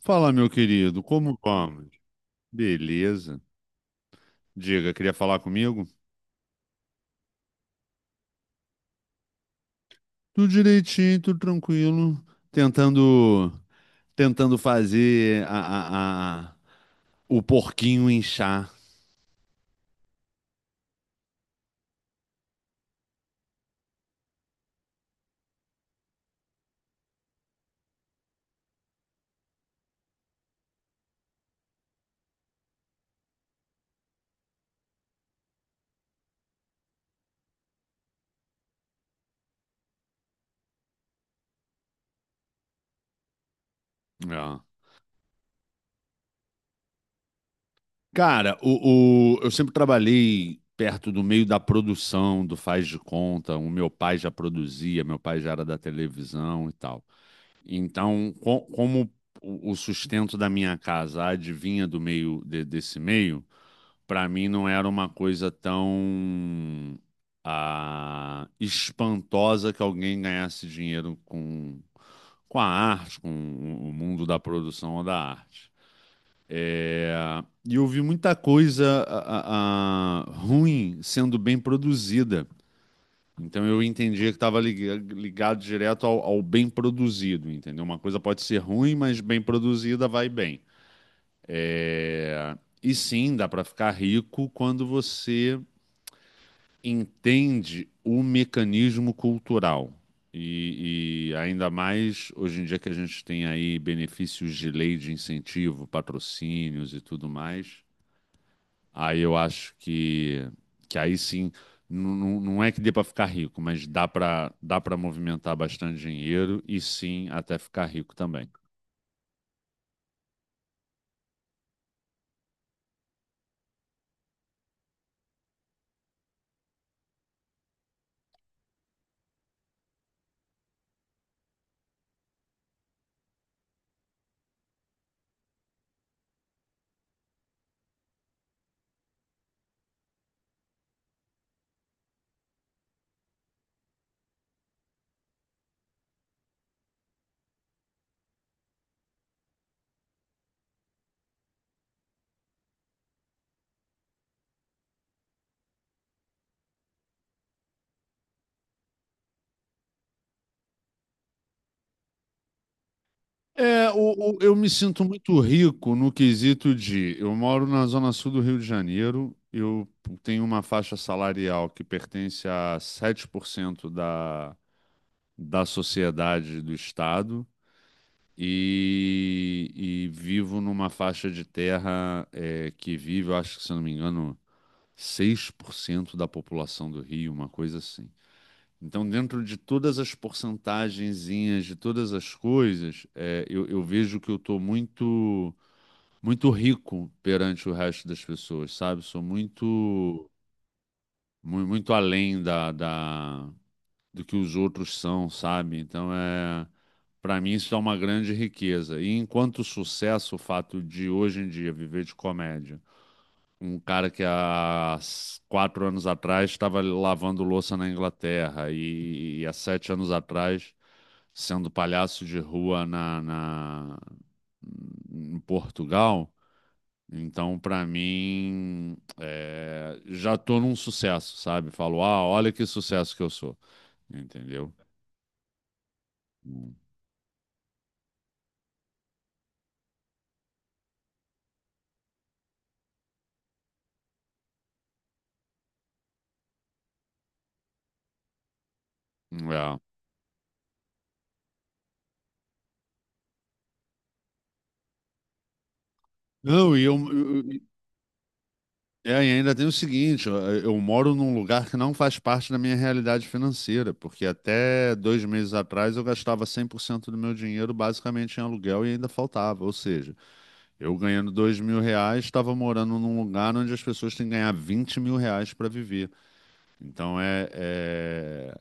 Fala, meu querido, como vamos? Beleza. Diga, queria falar comigo? Tudo direitinho, tudo tranquilo. Tentando, tentando fazer o porquinho inchar. É. Cara, eu sempre trabalhei perto do meio da produção, do faz de conta. O meu pai já produzia, meu pai já era da televisão e tal. Então, como o sustento da minha casa advinha do meio desse meio para mim não era uma coisa tão espantosa que alguém ganhasse dinheiro com a arte, com o mundo da produção ou da arte. É, e eu vi muita coisa ruim sendo bem produzida. Então eu entendia que estava ligado direto ao bem produzido, entendeu? Uma coisa pode ser ruim, mas bem produzida vai bem. E sim, dá para ficar rico quando você entende o mecanismo cultural. E ainda mais hoje em dia que a gente tem aí benefícios de lei de incentivo, patrocínios e tudo mais, aí eu acho que aí sim, não é que dê para ficar rico, mas dá para movimentar bastante dinheiro e sim até ficar rico também. É, eu me sinto muito rico no quesito de eu moro na zona sul do Rio de Janeiro, eu tenho uma faixa salarial que pertence a 7% da sociedade do estado e vivo numa faixa de terra é, que vive, eu acho que se eu não me engano, 6% da população do Rio, uma coisa assim. Então, dentro de todas as porcentagenzinhas, de todas as coisas, é, eu vejo que eu estou muito, muito rico perante o resto das pessoas, sabe? Sou muito, muito além do que os outros são, sabe? Então, é, para mim, isso é uma grande riqueza. E enquanto sucesso, o fato de hoje em dia viver de comédia um cara que há 4 anos atrás estava lavando louça na Inglaterra e há 7 anos atrás sendo palhaço de rua em Portugal. Então, para mim, é, já tô num sucesso, sabe? Falo, ah, olha que sucesso que eu sou, entendeu? Hum. É. Não, é, e ainda tem o seguinte, eu moro num lugar que não faz parte da minha realidade financeira, porque até 2 meses atrás eu gastava 100% do meu dinheiro basicamente em aluguel e ainda faltava. Ou seja, eu ganhando 2 mil reais, estava morando num lugar onde as pessoas têm que ganhar 20 mil reais para viver. Então é, é,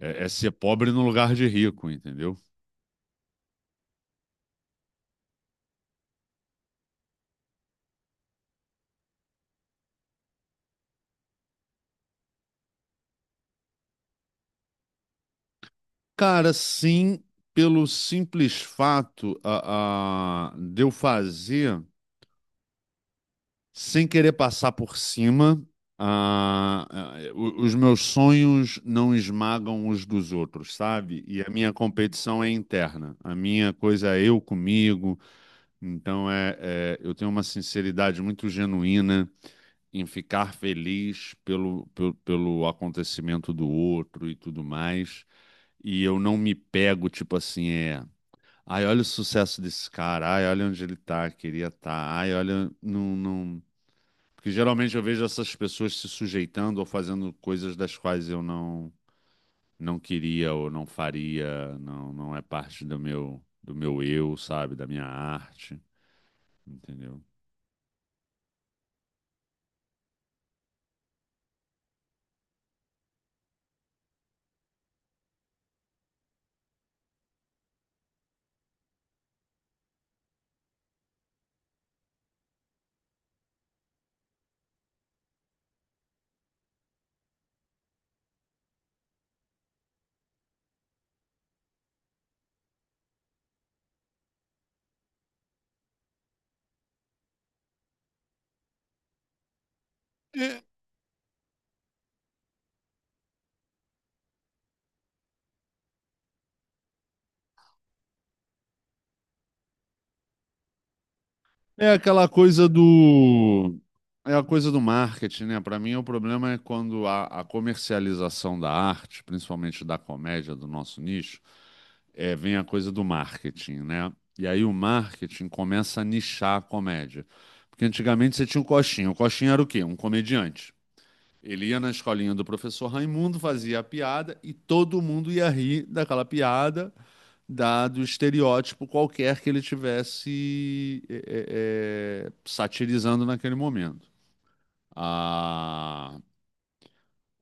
é, é ser pobre no lugar de rico, entendeu? Cara, sim, pelo simples fato de eu fazer. Sem querer passar por cima, os meus sonhos não esmagam os dos outros, sabe? E a minha competição é interna. A minha coisa é eu comigo. Então é, é, eu tenho uma sinceridade muito genuína em ficar feliz pelo acontecimento do outro e tudo mais. E eu não me pego, tipo assim, é. Ai, olha o sucesso desse cara. Ai, olha onde ele tá, queria estar. Ai, olha, não, não. Porque geralmente eu vejo essas pessoas se sujeitando ou fazendo coisas das quais eu não queria ou faria, não é parte do meu eu, sabe, da minha arte, entendeu? É. É aquela coisa do. É a coisa do marketing, né? Para mim, o problema é quando a comercialização da arte, principalmente da comédia, do nosso nicho, é, vem a coisa do marketing, né? E aí o marketing começa a nichar a comédia. Porque antigamente você tinha o Coxinha. O Coxinha era o quê? Um comediante. Ele ia na escolinha do professor Raimundo, fazia a piada e todo mundo ia rir daquela piada dado estereótipo qualquer que ele tivesse é, é, é, satirizando naquele momento. Ah,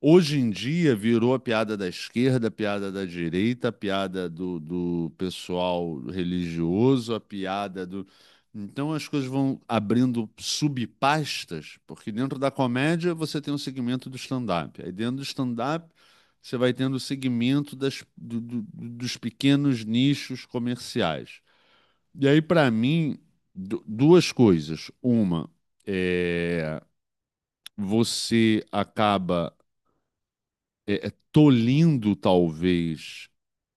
hoje em dia virou a piada da esquerda, a piada da direita, a piada do pessoal religioso, a piada do. Então as coisas vão abrindo subpastas, porque dentro da comédia você tem um segmento do stand-up. Aí dentro do stand-up você vai tendo o segmento das, dos pequenos nichos comerciais. E aí, para mim, duas coisas. Uma, é, você acaba é, é, tolindo, talvez,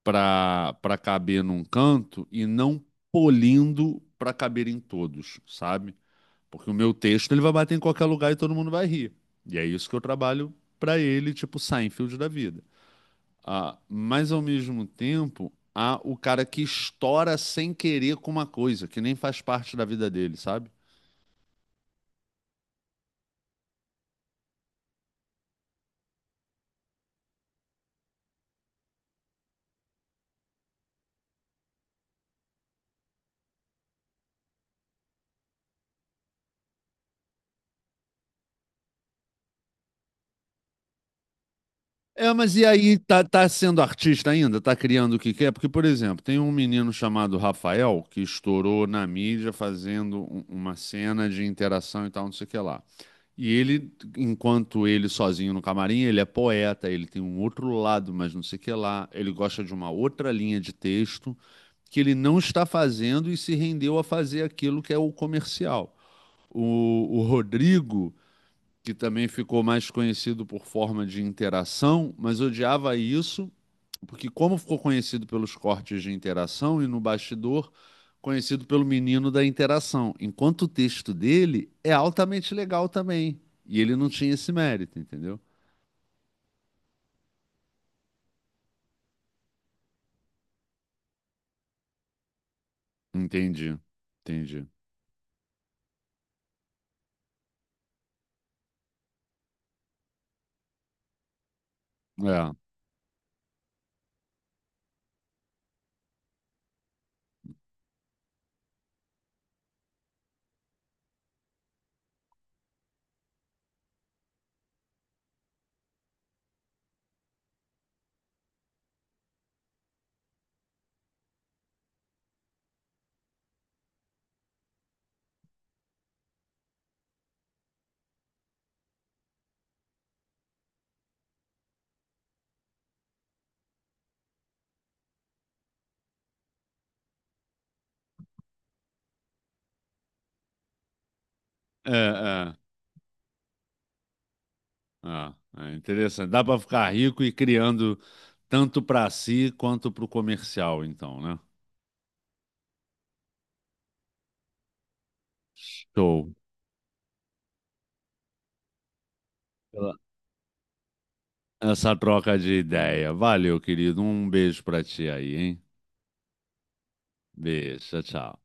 para caber num canto e não polindo para caber em todos, sabe? Porque o meu texto ele vai bater em qualquer lugar e todo mundo vai rir. E é isso que eu trabalho para ele, tipo Seinfeld da vida. Ah, mas, ao mesmo tempo, há o cara que estoura sem querer com uma coisa, que nem faz parte da vida dele, sabe? É, mas e aí tá, tá sendo artista ainda? Tá criando o que quer? Porque, por exemplo, tem um menino chamado Rafael que estourou na mídia fazendo uma cena de interação e tal, não sei o que lá. E ele, enquanto ele sozinho no camarim, ele é poeta, ele tem um outro lado, mas não sei o que lá. Ele gosta de uma outra linha de texto que ele não está fazendo e se rendeu a fazer aquilo que é o comercial. O Rodrigo que também ficou mais conhecido por forma de interação, mas odiava isso, porque como ficou conhecido pelos cortes de interação e no bastidor, conhecido pelo menino da interação, enquanto o texto dele é altamente legal também, e ele não tinha esse mérito, entendeu? Entendi, entendi. É, é, é interessante. Dá para ficar rico e criando tanto para si quanto para o comercial, então, né? Show. Essa troca de ideia. Valeu, querido. Um beijo pra ti aí, hein? Beijo, tchau, tchau.